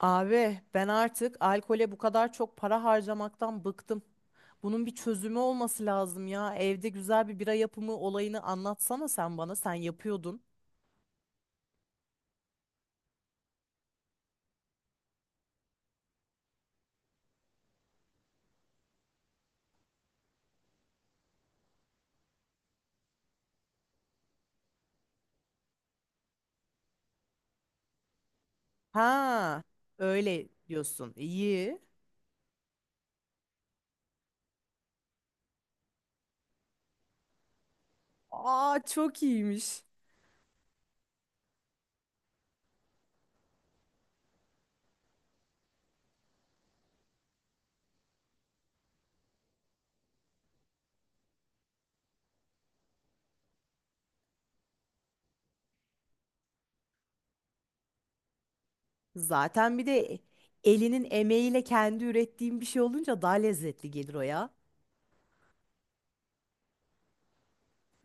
Abi ben artık alkole bu kadar çok para harcamaktan bıktım. Bunun bir çözümü olması lazım ya. Evde güzel bir bira yapımı olayını anlatsana sen bana. Sen yapıyordun. Ha, öyle diyorsun. İyi. Aa çok iyiymiş. Zaten bir de elinin emeğiyle kendi ürettiğim bir şey olunca daha lezzetli gelir o ya.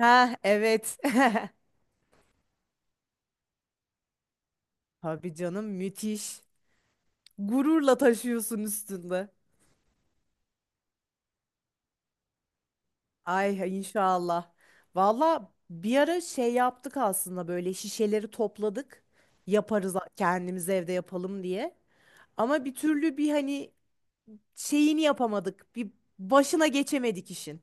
Ha evet. Tabii canım müthiş. Gururla taşıyorsun üstünde. Ay inşallah. Valla bir ara şey yaptık aslında böyle şişeleri topladık. Yaparız kendimiz evde yapalım diye. Ama bir türlü bir hani şeyini yapamadık. Bir başına geçemedik işin.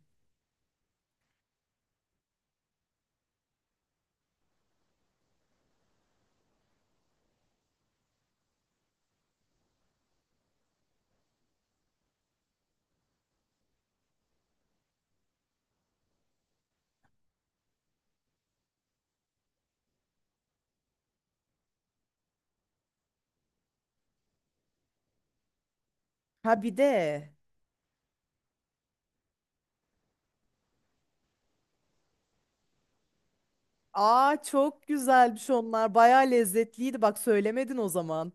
Ha bir de. Aa çok güzelmiş onlar. Baya lezzetliydi. Bak söylemedin o zaman.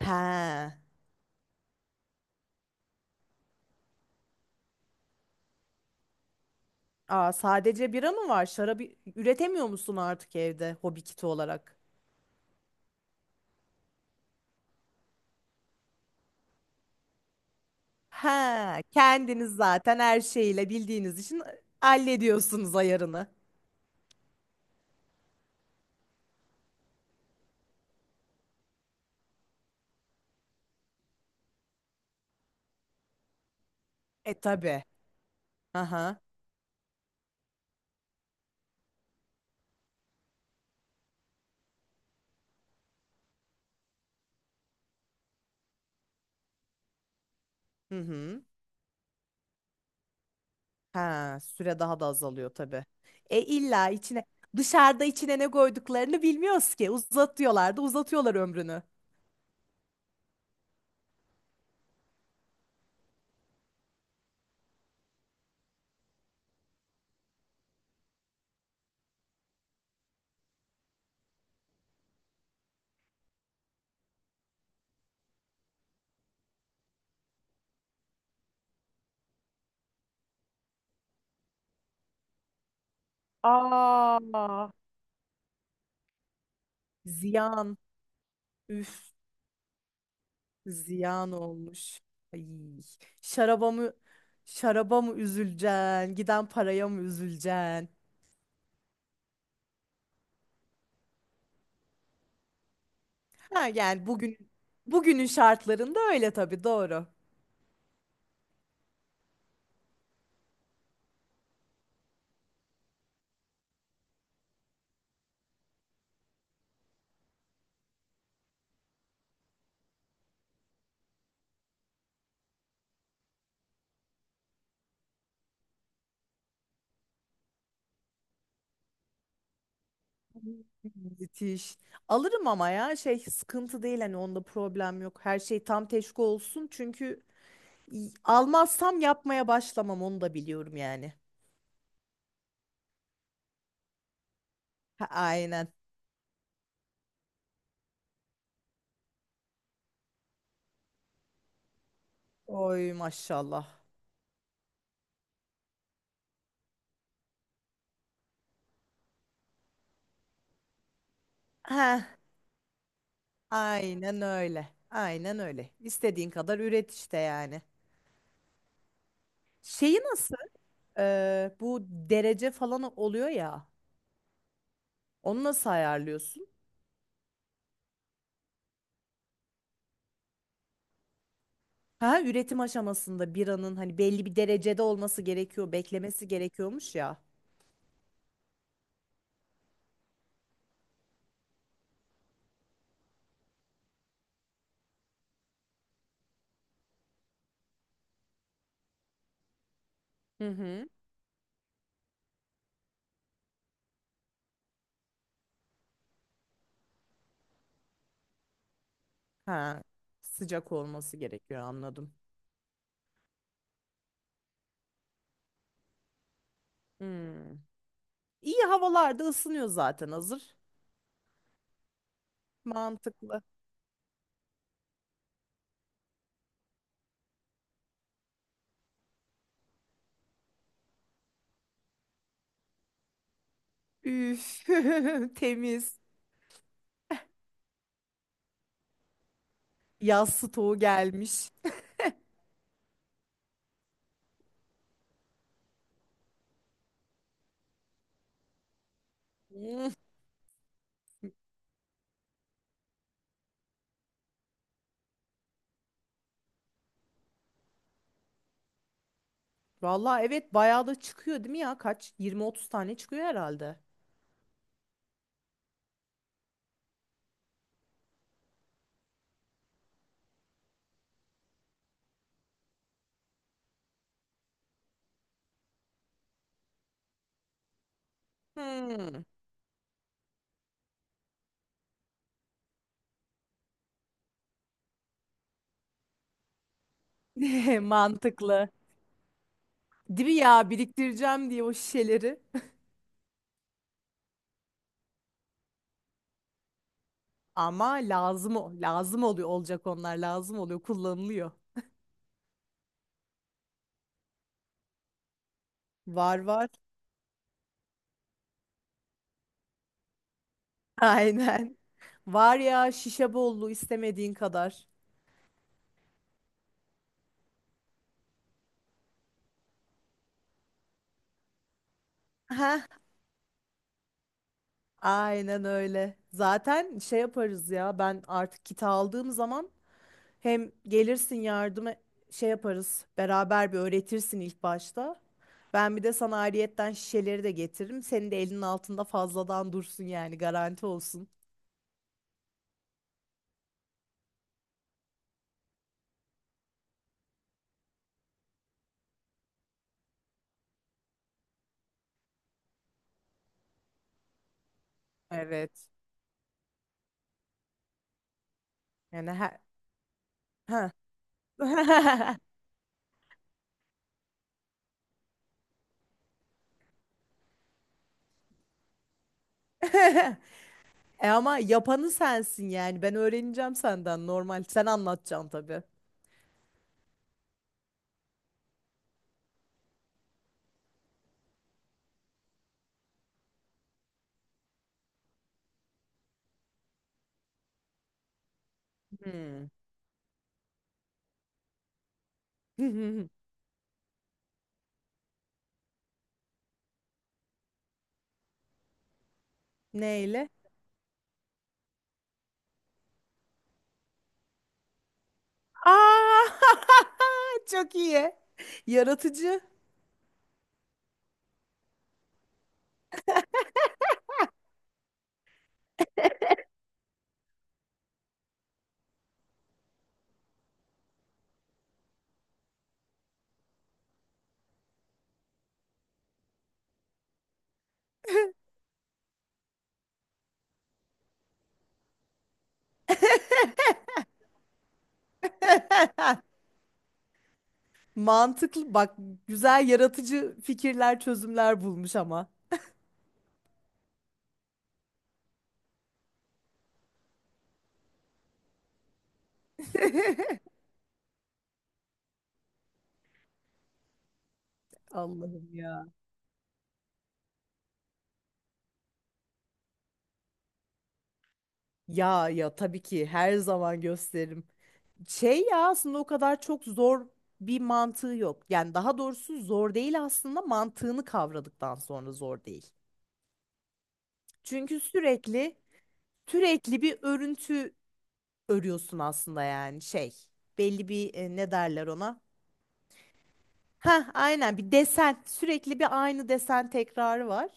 He. Aa sadece bira mı var? Şarabı üretemiyor musun artık evde hobi kiti olarak? Ha, kendiniz zaten her şeyiyle bildiğiniz için hallediyorsunuz ayarını. E tabi. Aha. Hı hı. Ha, süre daha da azalıyor tabi. E illa içine Dışarıda içine ne koyduklarını bilmiyoruz ki. Uzatıyorlar da uzatıyorlar ömrünü. Aa. Ziyan. Üf, ziyan olmuş. Ay, şaraba mı şaraba mı üzüleceksin? Giden paraya mı üzüleceksin? Ha, yani bugünün şartlarında öyle tabii doğru. Müthiş. Alırım ama ya şey sıkıntı değil hani onda problem yok. Her şey tam teşvik olsun çünkü almazsam yapmaya başlamam onu da biliyorum yani. Ha, aynen. Oy maşallah. Ha, aynen öyle. Aynen öyle. İstediğin kadar üret işte yani. Şeyi nasıl? Bu derece falan oluyor ya. Onu nasıl ayarlıyorsun? Ha, üretim aşamasında biranın hani belli bir derecede olması gerekiyor, beklemesi gerekiyormuş ya. Hı hı. Ha, sıcak olması gerekiyor anladım. Hmm. İyi havalarda ısınıyor zaten hazır. Mantıklı. Üf, temiz. Yaz stoğu gelmiş. Hmm. Vallahi evet bayağı da çıkıyor değil mi ya? Kaç? 20-30 tane çıkıyor herhalde. Hmm. Mantıklı. Değil mi ya? Biriktireceğim diye o şişeleri. Ama lazım lazım oluyor olacak onlar lazım oluyor kullanılıyor. Var var. Aynen. Var ya şişe bollu istemediğin kadar. Heh, aynen öyle. Zaten şey yaparız ya ben artık kiti aldığım zaman hem gelirsin yardıma şey yaparız beraber bir öğretirsin ilk başta. Ben bir de sana ayrıyetten şişeleri de getiririm. Senin de elinin altında fazladan dursun yani garanti olsun. Evet. Yani her... Heh. E ama yapanı sensin yani. Ben öğreneceğim senden normal. Sen anlatacaksın tabii. Hmm. Neyle? Aa! Çok iyi. Yaratıcı, mantıklı. Bak güzel yaratıcı fikirler, çözümler bulmuş ama. Allah'ım ya. Ya ya tabii ki her zaman gösteririm. Şey ya aslında o kadar çok zor bir mantığı yok. Yani daha doğrusu zor değil aslında mantığını kavradıktan sonra zor değil. Çünkü sürekli bir örüntü örüyorsun aslında yani şey. Belli bir ne derler ona? Ha, aynen bir desen sürekli bir aynı desen tekrarı var.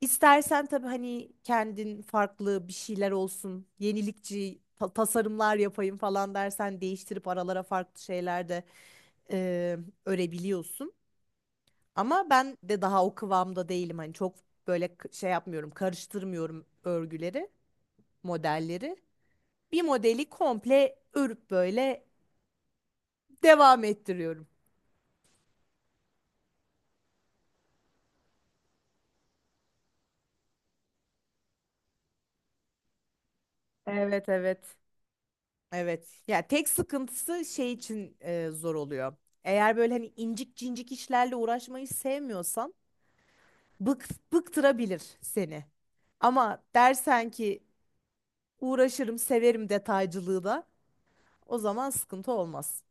İstersen tabii hani kendin farklı bir şeyler olsun, yenilikçi tasarımlar yapayım falan dersen değiştirip aralara farklı şeyler de e, örebiliyorsun. Ama ben de daha o kıvamda değilim hani çok böyle şey yapmıyorum, karıştırmıyorum örgüleri, modelleri bir modeli komple örüp böyle devam ettiriyorum. Evet evet. Evet. Ya tek sıkıntısı şey için zor oluyor. Eğer böyle hani incik cincik işlerle uğraşmayı sevmiyorsan bıktırabilir seni. Ama dersen ki uğraşırım, severim detaycılığı da o zaman sıkıntı olmaz.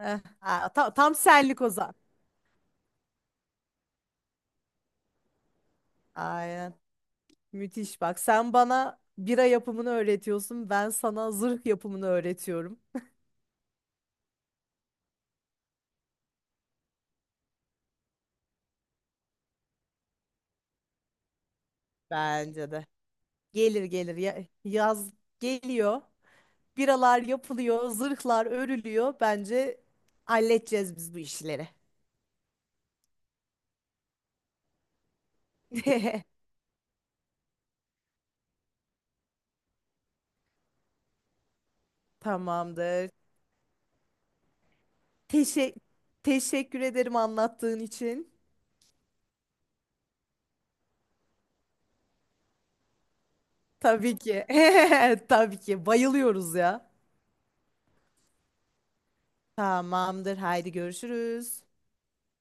Tam senlik o zaman. Aynen. Müthiş bak. Sen bana bira yapımını öğretiyorsun. Ben sana zırh yapımını öğretiyorum. Bence de. Gelir gelir. Yaz geliyor. Biralar yapılıyor, zırhlar örülüyor. Bence halledeceğiz biz bu işleri. Tamamdır. Teşe teşekkür ederim anlattığın için. Tabii ki. Tabii ki. Bayılıyoruz ya. Tamamdır. Haydi görüşürüz.